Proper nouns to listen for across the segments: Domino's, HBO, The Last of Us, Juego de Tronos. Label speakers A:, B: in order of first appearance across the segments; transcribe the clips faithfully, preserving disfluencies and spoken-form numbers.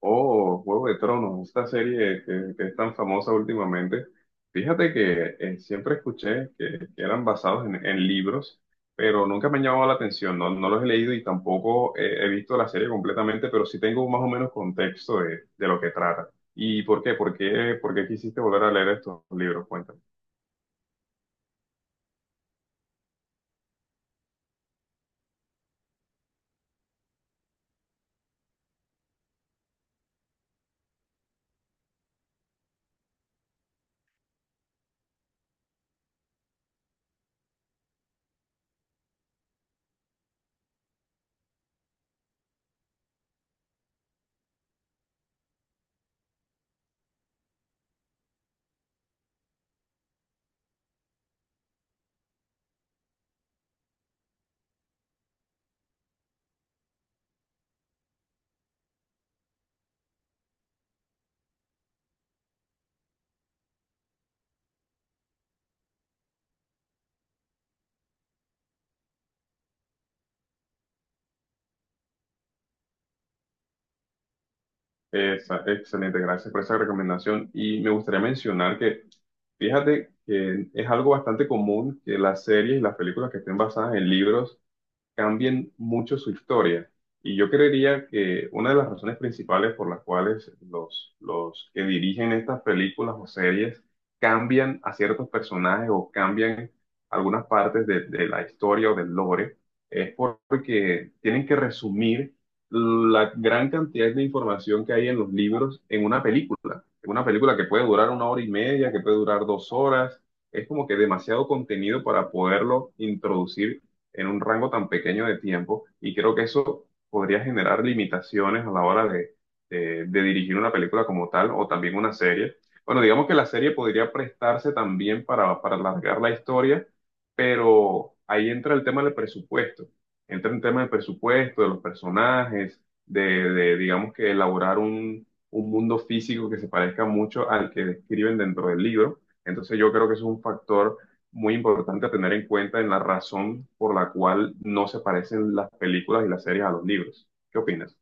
A: Oh, Juego de Tronos, esta serie que, que es tan famosa últimamente. Fíjate que eh, siempre escuché que, que eran basados en, en libros, pero nunca me han llamado la atención. No, no los he leído y tampoco eh, he visto la serie completamente, pero sí tengo más o menos contexto de, de lo que trata. ¿Y por qué? ¿Por qué, por qué quisiste volver a leer estos libros? Cuéntame. Esa- excelente, gracias por esa recomendación. Y me gustaría mencionar que fíjate que es algo bastante común que las series y las películas que estén basadas en libros cambien mucho su historia. Y yo creería que una de las razones principales por las cuales los, los que dirigen estas películas o series cambian a ciertos personajes o cambian algunas partes de, de la historia o del lore es porque tienen que resumir la gran cantidad de información que hay en los libros en una película. En una película que puede durar una hora y media, que puede durar dos horas. Es como que demasiado contenido para poderlo introducir en un rango tan pequeño de tiempo y creo que eso podría generar limitaciones a la hora de, de- de dirigir una película como tal o también una serie. Bueno, digamos que la serie podría prestarse también para, para alargar la historia, pero ahí entra el tema del presupuesto. Entra el tema del presupuesto, de los personajes, de, de, digamos que elaborar un, un mundo físico que se parezca mucho al que describen dentro del libro. Entonces yo creo que eso es un factor muy importante a tener en cuenta en la razón por la cual no se parecen las películas y las series a los libros. ¿Qué opinas?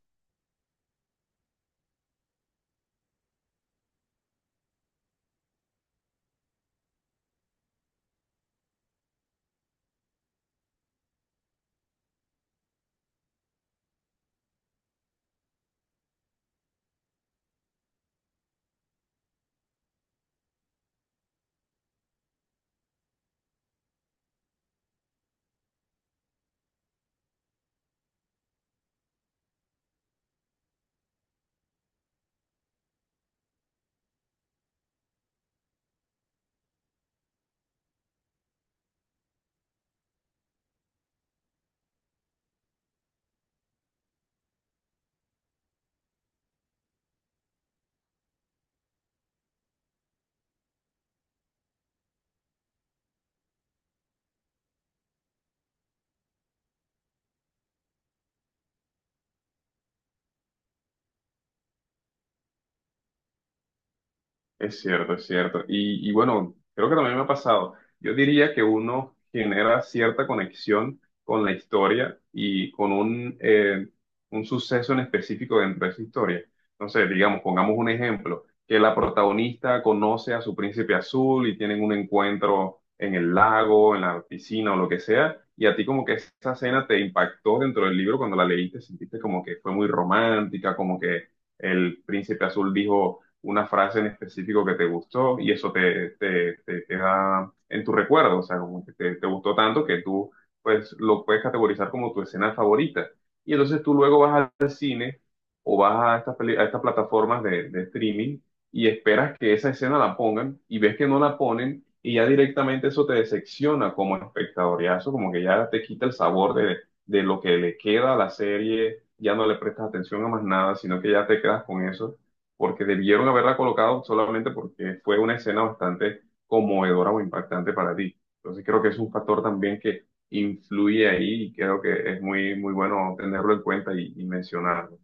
A: Es cierto, es cierto. Y, y bueno, creo que también me ha pasado. Yo diría que uno genera cierta conexión con la historia y con un, eh, un suceso en específico dentro de esa historia. No sé, digamos, pongamos un ejemplo, que la protagonista conoce a su príncipe azul y tienen un encuentro en el lago, en la piscina o lo que sea, y a ti como que esa escena te impactó dentro del libro cuando la leíste, sentiste como que fue muy romántica, como que el príncipe azul dijo una frase en específico que te gustó y eso te, te, te queda en tu recuerdo, o sea, como que te, te gustó tanto que tú pues lo puedes categorizar como tu escena favorita. Y entonces tú luego vas al cine o vas a estas, peli- a estas plataformas de, de streaming y esperas que esa escena la pongan y ves que no la ponen y ya directamente eso te decepciona como espectador, ya eso como que ya te quita el sabor de, de lo que le queda a la serie, ya no le prestas atención a más nada, sino que ya te quedas con eso porque debieron haberla colocado solamente porque fue una escena bastante conmovedora o impactante para ti. Entonces creo que es un factor también que influye ahí y creo que es muy, muy bueno tenerlo en cuenta y, y mencionarlo.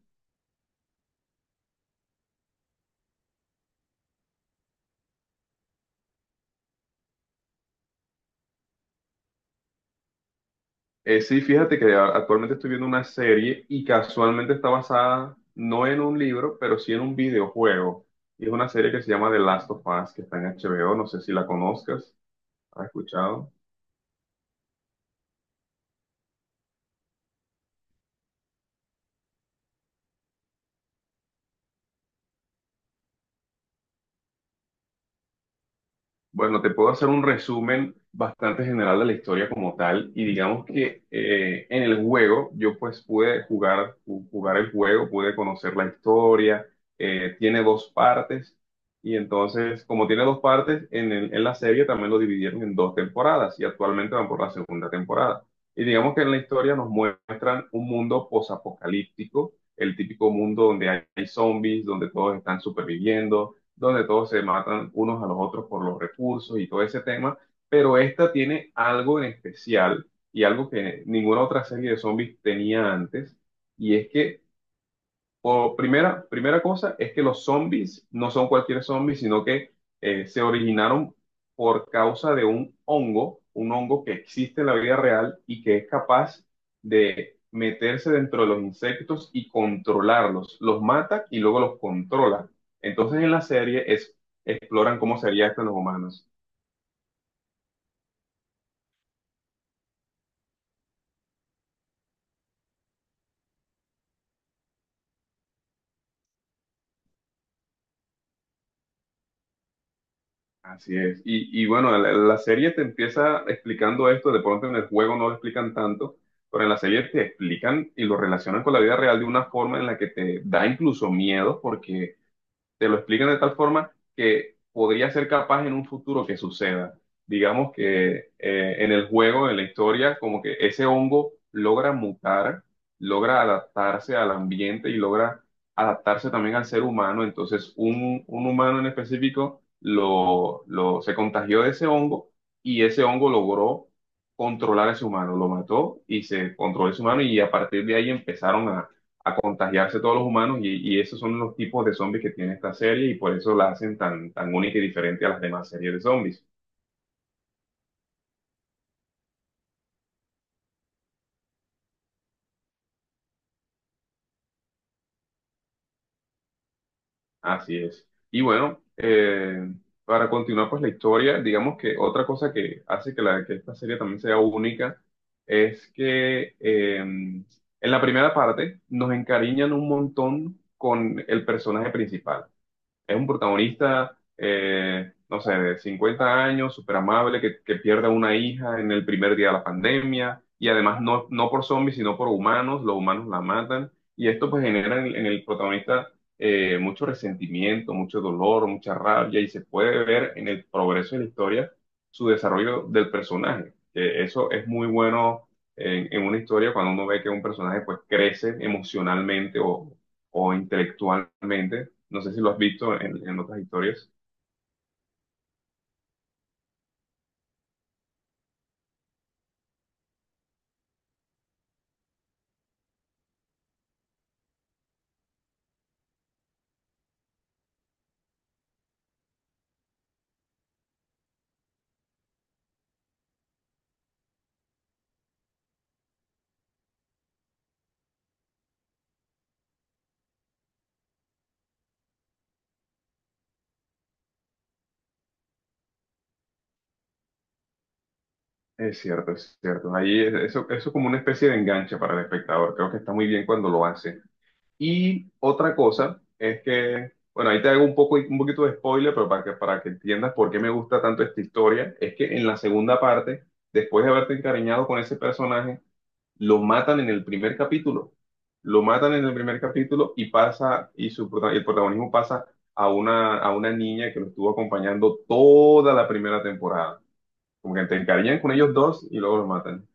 A: Eh, sí, fíjate que a- actualmente estoy viendo una serie y casualmente está basada no en un libro, pero sí en un videojuego. Y es una serie que se llama The Last of Us, que está en H B O, no sé si la conozcas, ¿has escuchado? Bueno, te puedo hacer un resumen bastante general de la historia como tal y digamos que eh, en el juego yo pues pude jugar, ju- jugar el juego, pude conocer la historia, eh, tiene dos partes y entonces como tiene dos partes en, el- en la serie también lo dividieron en dos temporadas y actualmente van por la segunda temporada. Y digamos que en la historia nos muestran un mundo posapocalíptico, el típico mundo donde hay hay zombies, donde todos están superviviendo donde todos se matan unos a los otros por los recursos y todo ese tema, pero esta tiene algo en especial y algo que ninguna otra serie de zombies tenía antes, y es que o primera, primera cosa es que los zombies no son cualquier zombie, sino que eh, se originaron por causa de un hongo, un hongo que existe en la vida real y que es capaz de meterse dentro de los insectos y controlarlos. Los mata y luego los controla. Entonces en la serie es, exploran cómo sería esto en los humanos. Así es. Y, y bueno, la, la serie te empieza explicando esto, de pronto en el juego no lo explican tanto, pero en la serie te explican y lo relacionan con la vida real de una forma en la que te da incluso miedo, porque te lo explican de tal forma que podría ser capaz en un futuro que suceda. Digamos que eh, en el juego, en la historia, como que ese hongo logra mutar, logra adaptarse al ambiente y logra adaptarse también al ser humano. Entonces, un, un humano en específico lo, lo, se contagió de ese hongo y ese hongo logró controlar a ese humano, lo mató y se controló ese humano y a partir de ahí empezaron a contagiarse todos los humanos y, y esos son los tipos de zombies que tiene esta serie y por eso la hacen tan, tan única y diferente a las demás series de zombies. Así es. Y bueno, eh, para continuar pues la historia, digamos que otra cosa que hace que, la, que esta serie también sea única es que eh, en la primera parte nos encariñan un montón con el personaje principal. Es un protagonista, eh, no sé, de cincuenta años, súper amable, que, que pierde a una hija en el primer día de la pandemia, y además no, no por zombies, sino por humanos, los humanos la matan, y esto pues genera en, en el protagonista eh, mucho resentimiento, mucho dolor, mucha rabia, y se puede ver en el progreso de la historia su desarrollo del personaje. Que eso es muy bueno en, en una historia cuando uno ve que un personaje pues crece emocionalmente o o intelectualmente no sé si lo has visto en, en otras historias. Es cierto, es cierto. Ahí es- eso, eso es como una especie de enganche para el espectador. Creo que está muy bien cuando lo hace. Y otra cosa es que, bueno, ahí te hago un poco, un poquito de spoiler, pero para que, para que entiendas por qué me gusta tanto esta historia, es que en la segunda parte, después de haberte encariñado con ese personaje, lo matan en el primer capítulo. Lo matan en el primer capítulo y pasa, y su, prota- el protagonismo pasa a una, a una niña que lo estuvo acompañando toda la primera temporada. Como que te encariñan con ellos dos y luego los matan.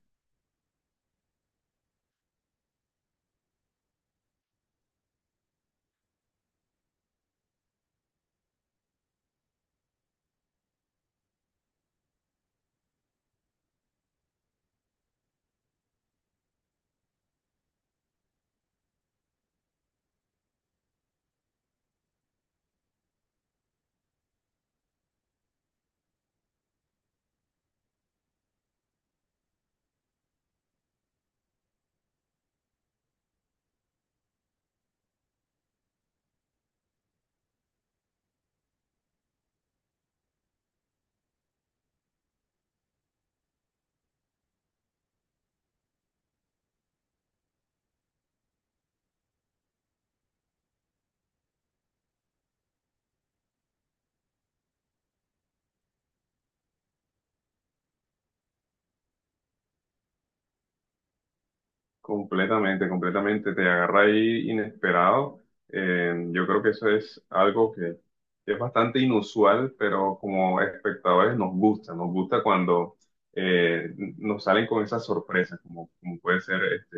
A: Completamente, completamente. Te agarra ahí inesperado. Eh, yo creo que eso es algo que, que es bastante inusual, pero como espectadores nos gusta. Nos gusta cuando eh, nos salen con esas sorpresas, como, como puede ser este,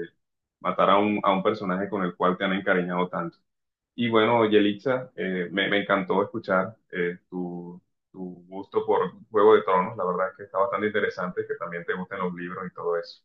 A: matar a un, a un personaje con el cual te han encariñado tanto. Y bueno, Yelitza, eh, me, me encantó escuchar eh, tu, tu gusto por Juego de Tronos. La verdad es que está bastante interesante que también te gusten los libros y todo eso.